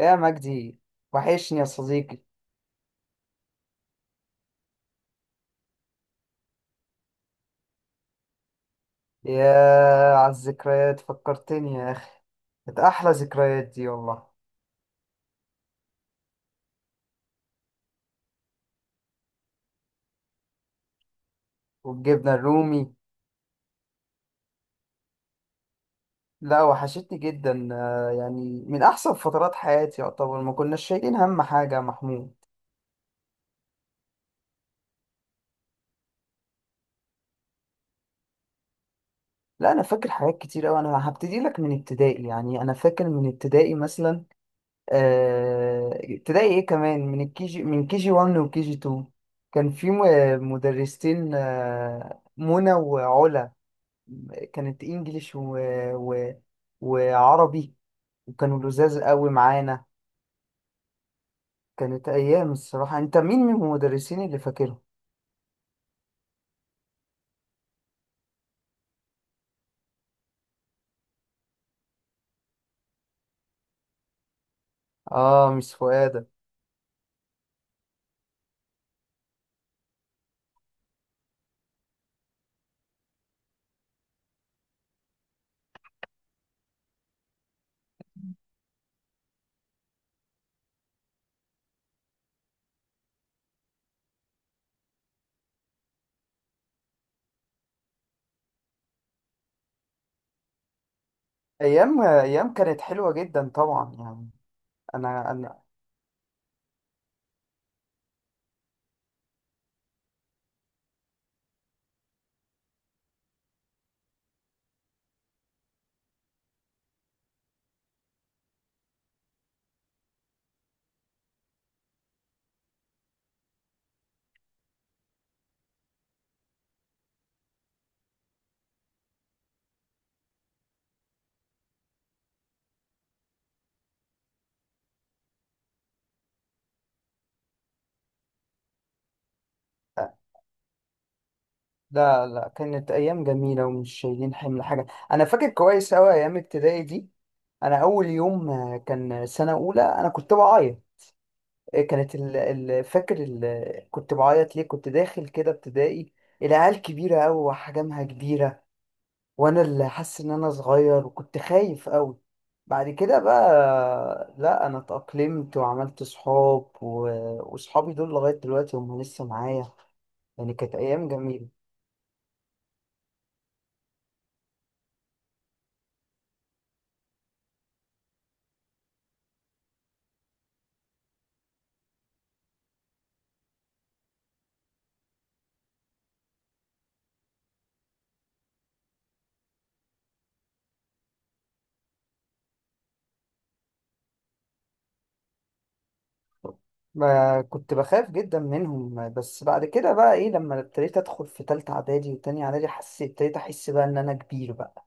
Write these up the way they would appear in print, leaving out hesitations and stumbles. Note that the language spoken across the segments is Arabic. يا مجدي، وحشني يا صديقي. يا على الذكريات فكرتني يا أخي، كانت أحلى ذكريات دي والله. والجبنة الرومي. لا وحشتني جدا، يعني من أحسن فترات حياتي يعتبر، ما كناش شايلين هم حاجة يا محمود. لا أنا فاكر حاجات كتير أوي، أنا هبتدي لك من ابتدائي. يعني أنا فاكر من ابتدائي مثلا، ابتدائي إيه كمان، من الكيجي، من كيجي 1 وكيجي 2. كان في مدرستين، منى وعلا. كانت انجليش و... وعربي، وكانوا لزاز قوي معانا. كانت ايام. الصراحه انت مين من المدرسين اللي فاكرهم؟ اه مش فؤاد. ايام كانت حلوه جدا طبعا يعني. انا. لا، كانت ايام جميله ومش شايلين حمل حاجه. انا فاكر كويس قوي ايام ابتدائي دي. انا اول يوم، كان سنه اولى، انا كنت بعيط. كانت ال... ال... فاكر ال... كنت بعيط ليه، كنت داخل كده ابتدائي. العيال كبيرة أوي وأحجامها كبيرة، وأنا اللي حاسس إن أنا صغير وكنت خايف أوي. بعد كده بقى لا، أنا اتأقلمت وعملت صحاب، وصحابي دول لغاية دلوقتي هم لسه معايا. يعني كانت أيام جميلة. ما كنت بخاف جدا منهم، بس بعد كده بقى إيه، لما ابتديت أدخل في تالتة إعدادي وتانية إعدادي، حسيت ابتديت أحس بقى إن أنا كبير بقى.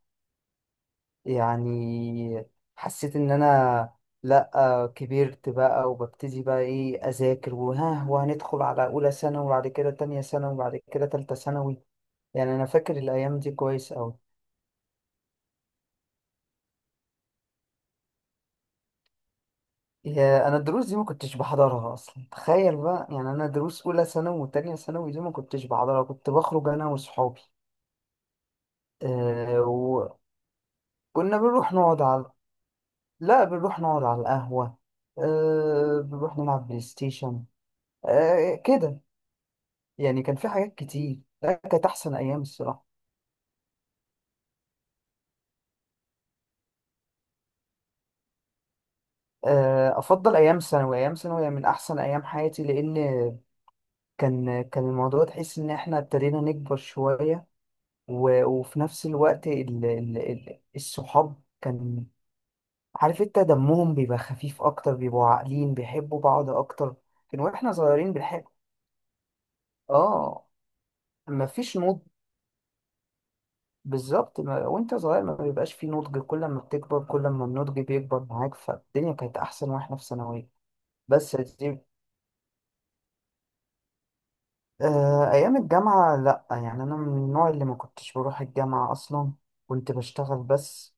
يعني حسيت ان انا، لا كبرت بقى، وببتدي بقى ايه اذاكر، وها وهندخل على اولى ثانوي، وبعد كده تانية ثانوي، وبعد كده تالتة ثانوي. يعني انا فاكر الايام دي كويس قوي. يا، انا الدروس دي ما كنتش بحضرها اصلا، تخيل بقى. يعني انا دروس اولى ثانوي وتانية ثانوي دي ما كنتش بحضرها، كنت بخرج انا وصحابي. أه وكنا بنروح نقعد على لا بنروح نقعد على القهوة. أه بنروح نلعب بلاي ستيشن. أه كده، يعني كان في حاجات كتير، لا كانت أحسن أيام الصراحة. أفضل أيام ثانوي، أيام ثانوي من أحسن أيام حياتي، لأن كان الموضوع تحس إن إحنا ابتدينا نكبر شوية. وفي نفس الوقت الصحاب كان، عارف أنت، دمهم بيبقى خفيف أكتر، بيبقوا عاقلين، بيحبوا بعض أكتر. كان وإحنا صغيرين بنحب. آه. مفيش نضج. بالظبط. ما... وأنت صغير ما بيبقاش فيه نضج، كل ما بتكبر كل ما النضج بيكبر معاك، فالدنيا كانت أحسن وإحنا في ثانوية. بس يا سيدي، أيام الجامعة لأ، يعني أنا من النوع اللي ما كنتش بروح الجامعة أصلا، كنت بشتغل بس.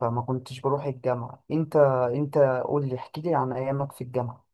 فما كنتش بروح الجامعة. أنت قول لي، احكي لي عن أيامك في الجامعة.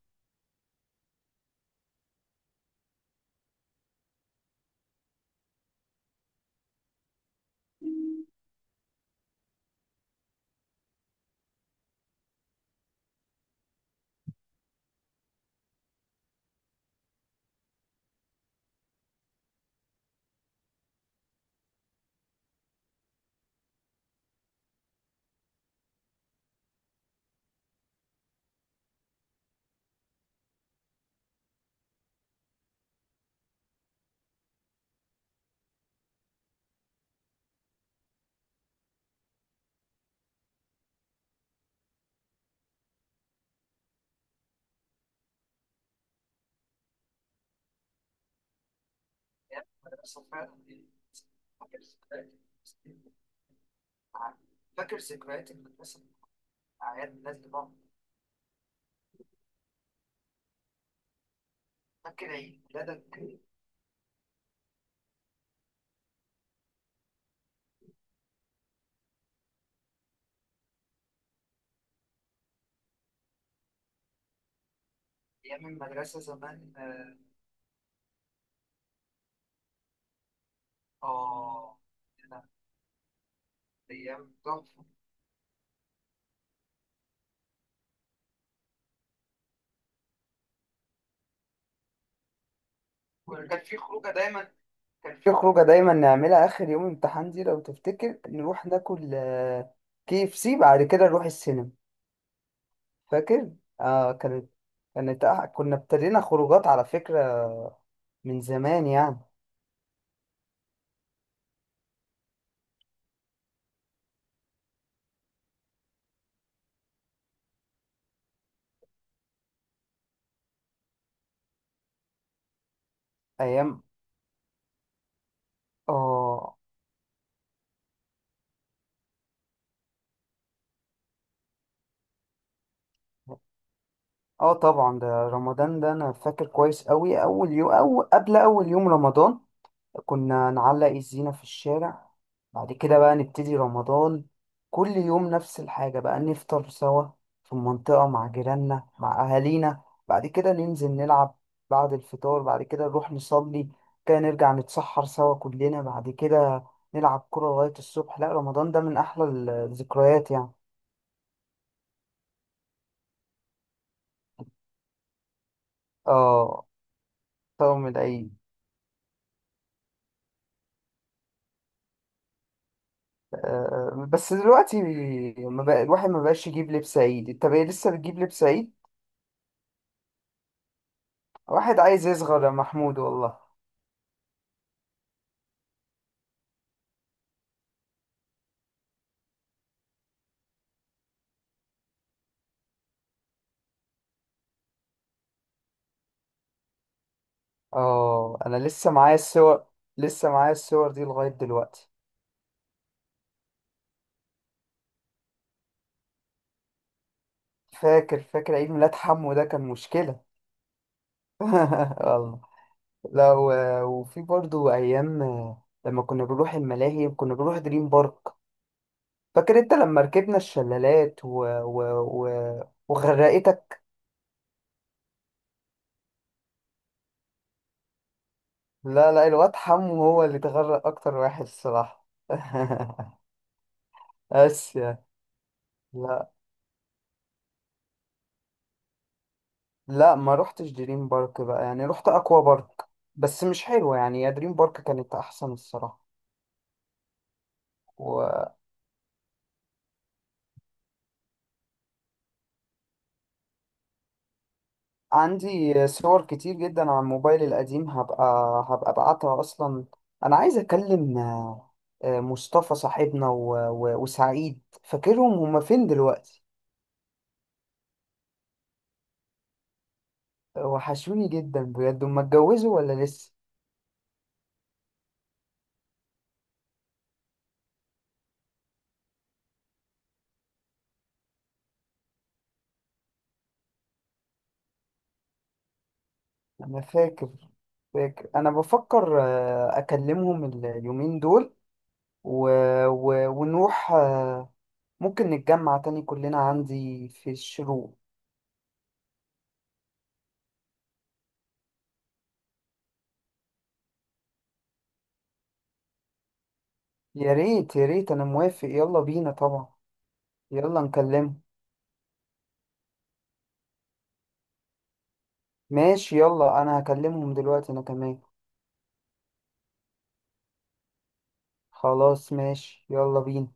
فاكر ذكريات المدرسة، أعياد الناس بعض؟ فاكر عيد ميلادك؟ أيام المدرسة زمان، آه. آه، أيام تحفة. وكان في خروجة دايما، كان في خروجة دايما نعملها آخر يوم امتحان دي لو تفتكر، نروح ناكل كي اف سي بعد كده نروح السينما. فاكر؟ آه كانت، كنا ابتدينا خروجات على فكرة، من زمان يعني. أيام، آه. آه طبعا، ده رمضان ده أنا فاكر كويس أوي. أول يوم، أو قبل أول يوم رمضان، كنا نعلق الزينة في الشارع. بعد كده بقى نبتدي رمضان، كل يوم نفس الحاجة بقى، نفطر سوا في المنطقة مع جيراننا مع أهالينا، بعد كده ننزل نلعب بعد الفطار، بعد كده نروح نصلي، كده نرجع نتسحر سوا كلنا، بعد كده نلعب كرة لغاية الصبح. لا رمضان ده من أحلى الذكريات يعني. اه طبعا العيد. بس دلوقتي ما بقى الواحد، ما بقاش يجيب لبس عيد. انت بقى لسه بتجيب لبس عيد؟ واحد عايز يصغر يا محمود والله. اه انا لسه معايا الصور، لسه معايا الصور دي لغاية دلوقتي. فاكر عيد ميلاد حمو، ده كان مشكلة. والله. لا و- وفي برضو ايام، لما كنا بنروح الملاهي، كنا بنروح دريم بارك. فاكر انت لما ركبنا الشلالات وغرقتك. لا، الواد حمو هو اللي اتغرق اكتر واحد الصراحة. بس يعني. لا لا، ما رحتش دريم بارك بقى، يعني رحت اكوا بارك، بس مش حلوة يعني. يا دريم بارك كانت احسن الصراحة. وعندي صور كتير جدا على الموبايل القديم، هبقى ابعتها اصلا. انا عايز اكلم، مصطفى صاحبنا وسعيد، فاكرهم هما فين دلوقتي؟ وحشوني جدا بجد. هما اتجوزوا ولا لسه؟ انا فاكر، فاكر انا بفكر اكلمهم اليومين دول، و... ونروح، ممكن نتجمع تاني كلنا عندي في الشروق. يا ريت، يا ريت انا موافق، يلا بينا طبعا. يلا نكلمهم. ماشي يلا، انا هكلمهم دلوقتي انا كمان. خلاص ماشي، يلا بينا.